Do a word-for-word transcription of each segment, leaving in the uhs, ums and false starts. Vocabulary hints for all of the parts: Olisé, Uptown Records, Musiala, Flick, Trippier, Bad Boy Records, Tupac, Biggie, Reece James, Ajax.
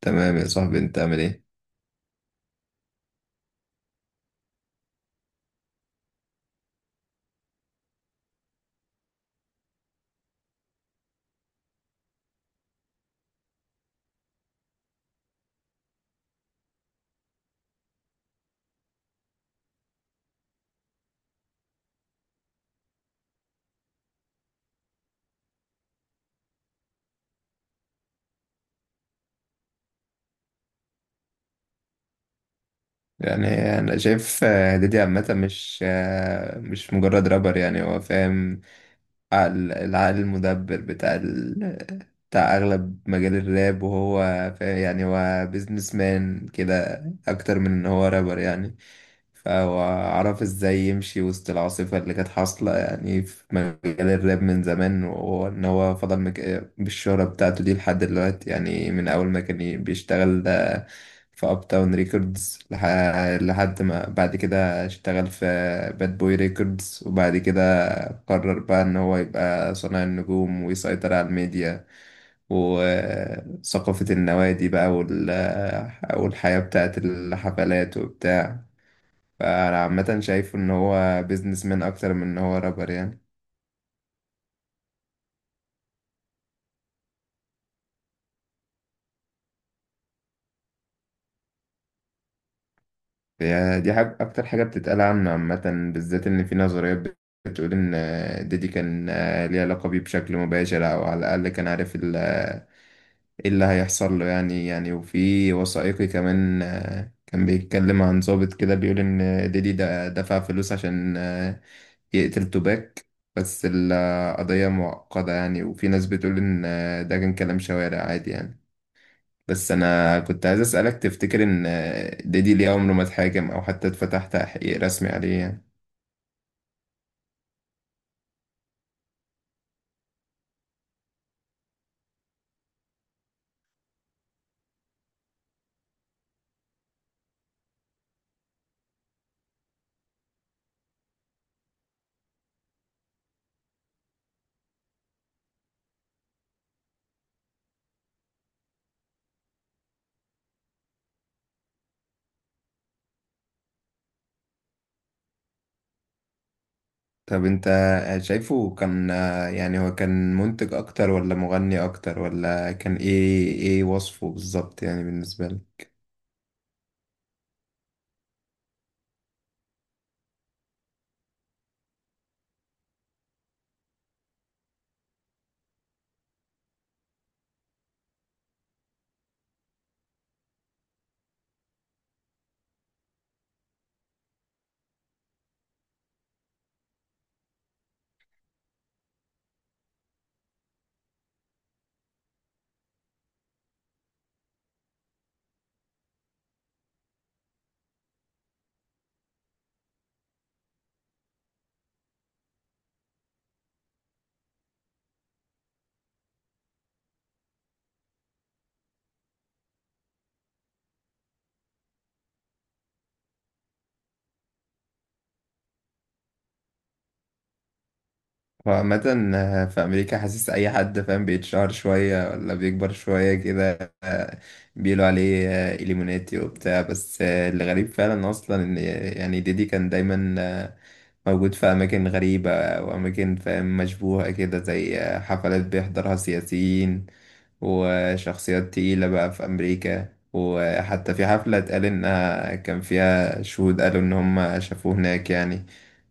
تمام يا صاحبي، انت عامل ايه؟ يعني انا شايف آه، ديدي عامه، مش آه، مش مجرد رابر. يعني هو فاهم ال- العقل المدبر بتاع ال... بتاع اغلب مجال الراب، وهو فا- يعني هو بيزنس مان كده اكتر من ان هو رابر يعني. فهو عرف ازاي يمشي وسط العاصفة اللي كانت حاصلة يعني في مجال الراب من زمان، وان هو فضل مك... بالشهرة بتاعته دي لحد دلوقتي يعني، من اول ما كان بيشتغل ده في اب تاون ريكوردز لح... لحد ما بعد كده اشتغل في باد بوي ريكوردز. وبعد كده قرر بقى ان هو يبقى صانع النجوم، ويسيطر على الميديا وثقافة النوادي بقى وال- والحياة بتاعت الحفلات وبتاع. فأنا عامة شايفه إن هو بيزنس مان أكتر من إن هو رابر يعني. هي دي حاجة، أكتر حاجة بتتقال عنه عامة، بالذات إن في نظريات بتقول إن ديدي كان آه، ليه علاقة بيه بشكل مباشر، أو على الأقل كان عارف ايه اللي هيحصل له يعني. يعني وفي وثائقي كمان آه، كان بيتكلم عن ضابط كده بيقول ان ديدي ده دفع فلوس عشان آه، يقتل توباك. بس القضية معقدة يعني، وفي ناس بتقول ان آه، ده كان كلام شوارع عادي يعني. بس انا كنت عايز اسألك، تفتكر ان آه، ديدي ليه عمره ما اتحاكم او حتى اتفتح تحقيق رسمي عليه يعني؟ طب انت شايفه كان، يعني هو كان منتج اكتر ولا مغني اكتر ولا كان ايه ايه وصفه بالظبط يعني بالنسبة لك؟ هو عامة في أمريكا، حاسس أي حد فاهم بيتشهر شوية ولا بيكبر شوية كده بيقولوا عليه إليموناتي وبتاع. بس الغريب فعلا أصلا إن يعني ديدي كان دايما موجود في أماكن غريبة وأماكن فاهم مشبوهة كده، زي حفلات بيحضرها سياسيين وشخصيات تقيلة بقى في أمريكا. وحتى في حفلة اتقال إنها كان فيها شهود قالوا إن هم شافوه هناك يعني.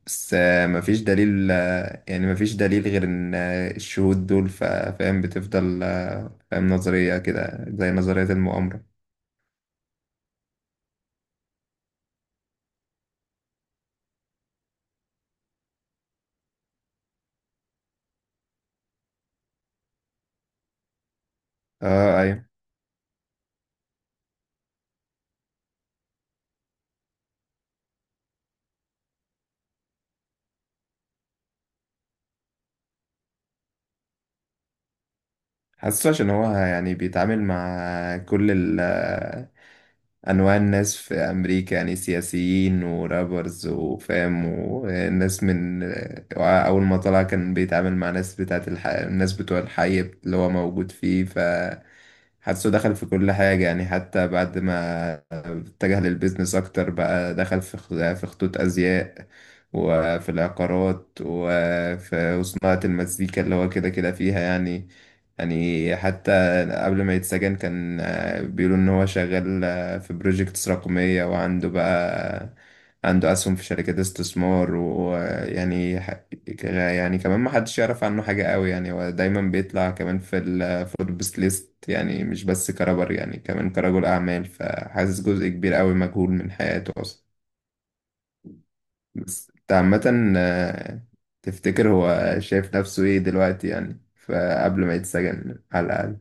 بس آه، مفيش دليل، آه، يعني مفيش دليل غير إن آه، الشهود دول فا- فاهم، بتفضل آه، فاهم نظرية كده زي نظرية المؤامرة. اه، ايوه. حاسه عشان هو يعني بيتعامل مع كل انواع الناس في امريكا، يعني سياسيين ورابرز وفام، وناس من اول ما طلع كان بيتعامل مع ناس بتاعت الح... الناس بتوع الحي اللي هو موجود فيه. فحاسه دخل في كل حاجة يعني. حتى بعد ما اتجه للبيزنس أكتر بقى، دخل في خ- في خطوط أزياء وفي العقارات وفي صناعة المزيكا اللي هو كده كده فيها يعني. يعني حتى قبل ما يتسجن كان آه، بيقولوا إن هو شغال آه، في بروجيكتس رقمية، وعنده بقى عنده أسهم في شركات استثمار. ويعني كان- يعني كمان ما حدش يعرف عنه حاجة قوي يعني. هو دايما بيطلع كمان في الفوربس ليست يعني، مش بس كرابر يعني، كمان كرجل أعمال. فحاسس جزء كبير قوي مجهول من حياته أصلا. بس انت عامة آه، تفتكر هو شايف نفسه ايه دلوقتي يعني؟ فقبل ما يتسجن على الأقل.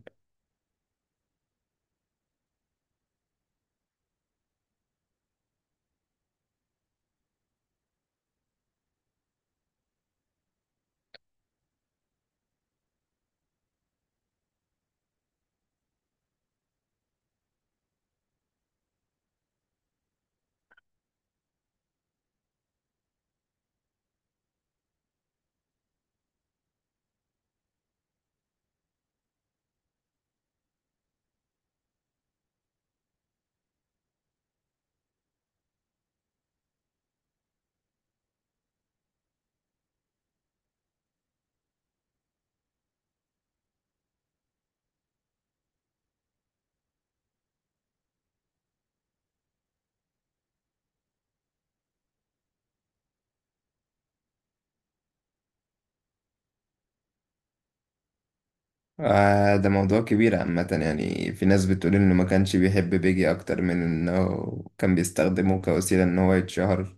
آه، ده موضوع كبير عامة يعني. في ناس بتقول إنه ما كانش بيحب بيجي أكتر من إنه كان بيستخدمه كوسيلة إن هو يتشهر.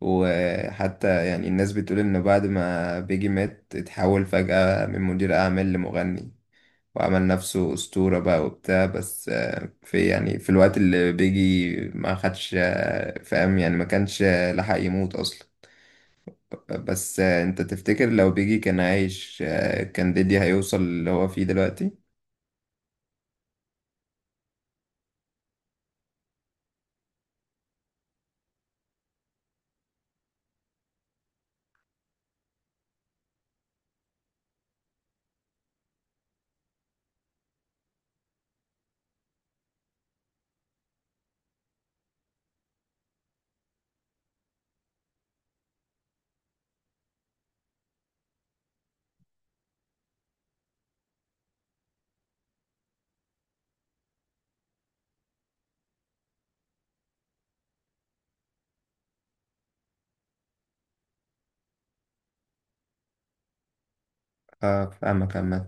وحتى يعني الناس بتقول إنه بعد ما بيجي مات اتحول فجأة من مدير أعمال لمغني، وعمل نفسه أسطورة بقى وبتاع. بس آه، في يعني، في الوقت اللي بيجي ما خدش آه، فاهم يعني، ما كانش آه، لحق يموت أصلا. بس آه، أنت تفتكر لو بيجي كان عايش آه، كان ديدي هيوصل اللي هو فيه دلوقتي؟ اه، فاهمك عامة.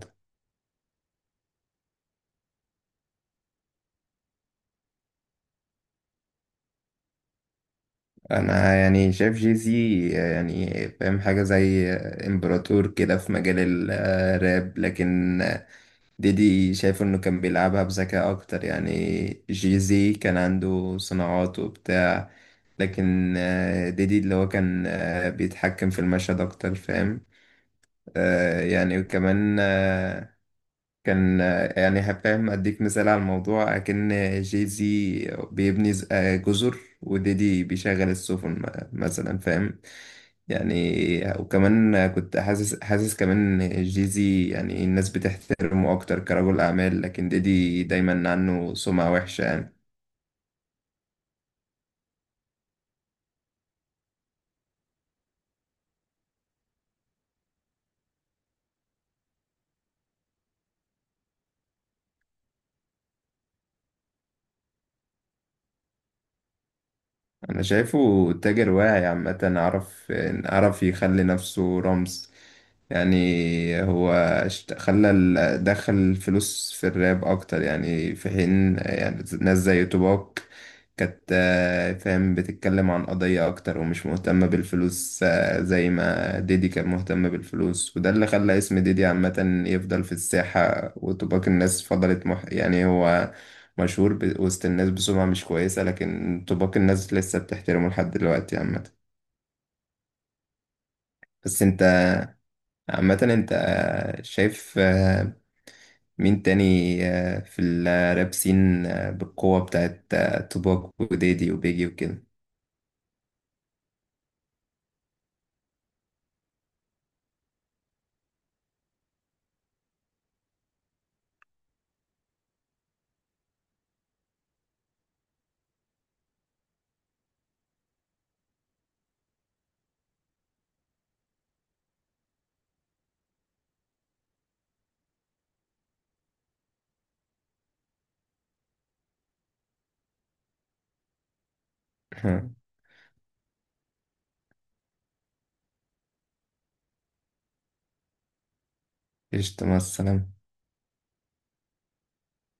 انا يعني شايف جيزي يعني فاهم حاجة زي امبراطور كده في مجال ال- آه، الراب، لكن ديدي شايف انه كان بيلعبها بذكاء اكتر يعني. جيزي كان عنده صناعات وبتاع، لكن آه، ديدي اللي هو كان آه، بيتحكم في المشهد اكتر فاهم. آه، يعني وكمان آه، كان آه، يعني هفهم اديك مثال على الموضوع. اكن جي زي بيبني ز- آه، جزر، وديدي بيشغل السفن م- مثلا فاهم يعني. وكمان كنت حاسس، حاسس كمان إن جي زي يعني الناس بتحترمه اكتر كرجل اعمال، لكن ديدي دايما عنه سمعة وحشة يعني. انا شايفه تاجر واعي عامة، عرف عرف يخلي نفسه رمز يعني. هو اشت- خلى ال- دخل الفلوس في الراب اكتر يعني، في حين يعني ناس زي توباك كانت آه، فاهم بتتكلم عن قضية اكتر، ومش مهتمة بالفلوس آه، زي ما ديدي كان مهتم بالفلوس. وده اللي خلى اسم ديدي عامة يفضل في الساحة، وتوباك الناس فضلت مح يعني. هو مشهور ب- وسط الناس بسمعة مش كويسة، لكن طباق الناس لسه بتحترمه لحد دلوقتي عامة. بس انت عامة، انت شايف آه، مين تاني آه، في الراب سين آه، بالقوة بتاعت آه، طباق وديدي وبيجي وكده؟ قشطة، مع السلامة.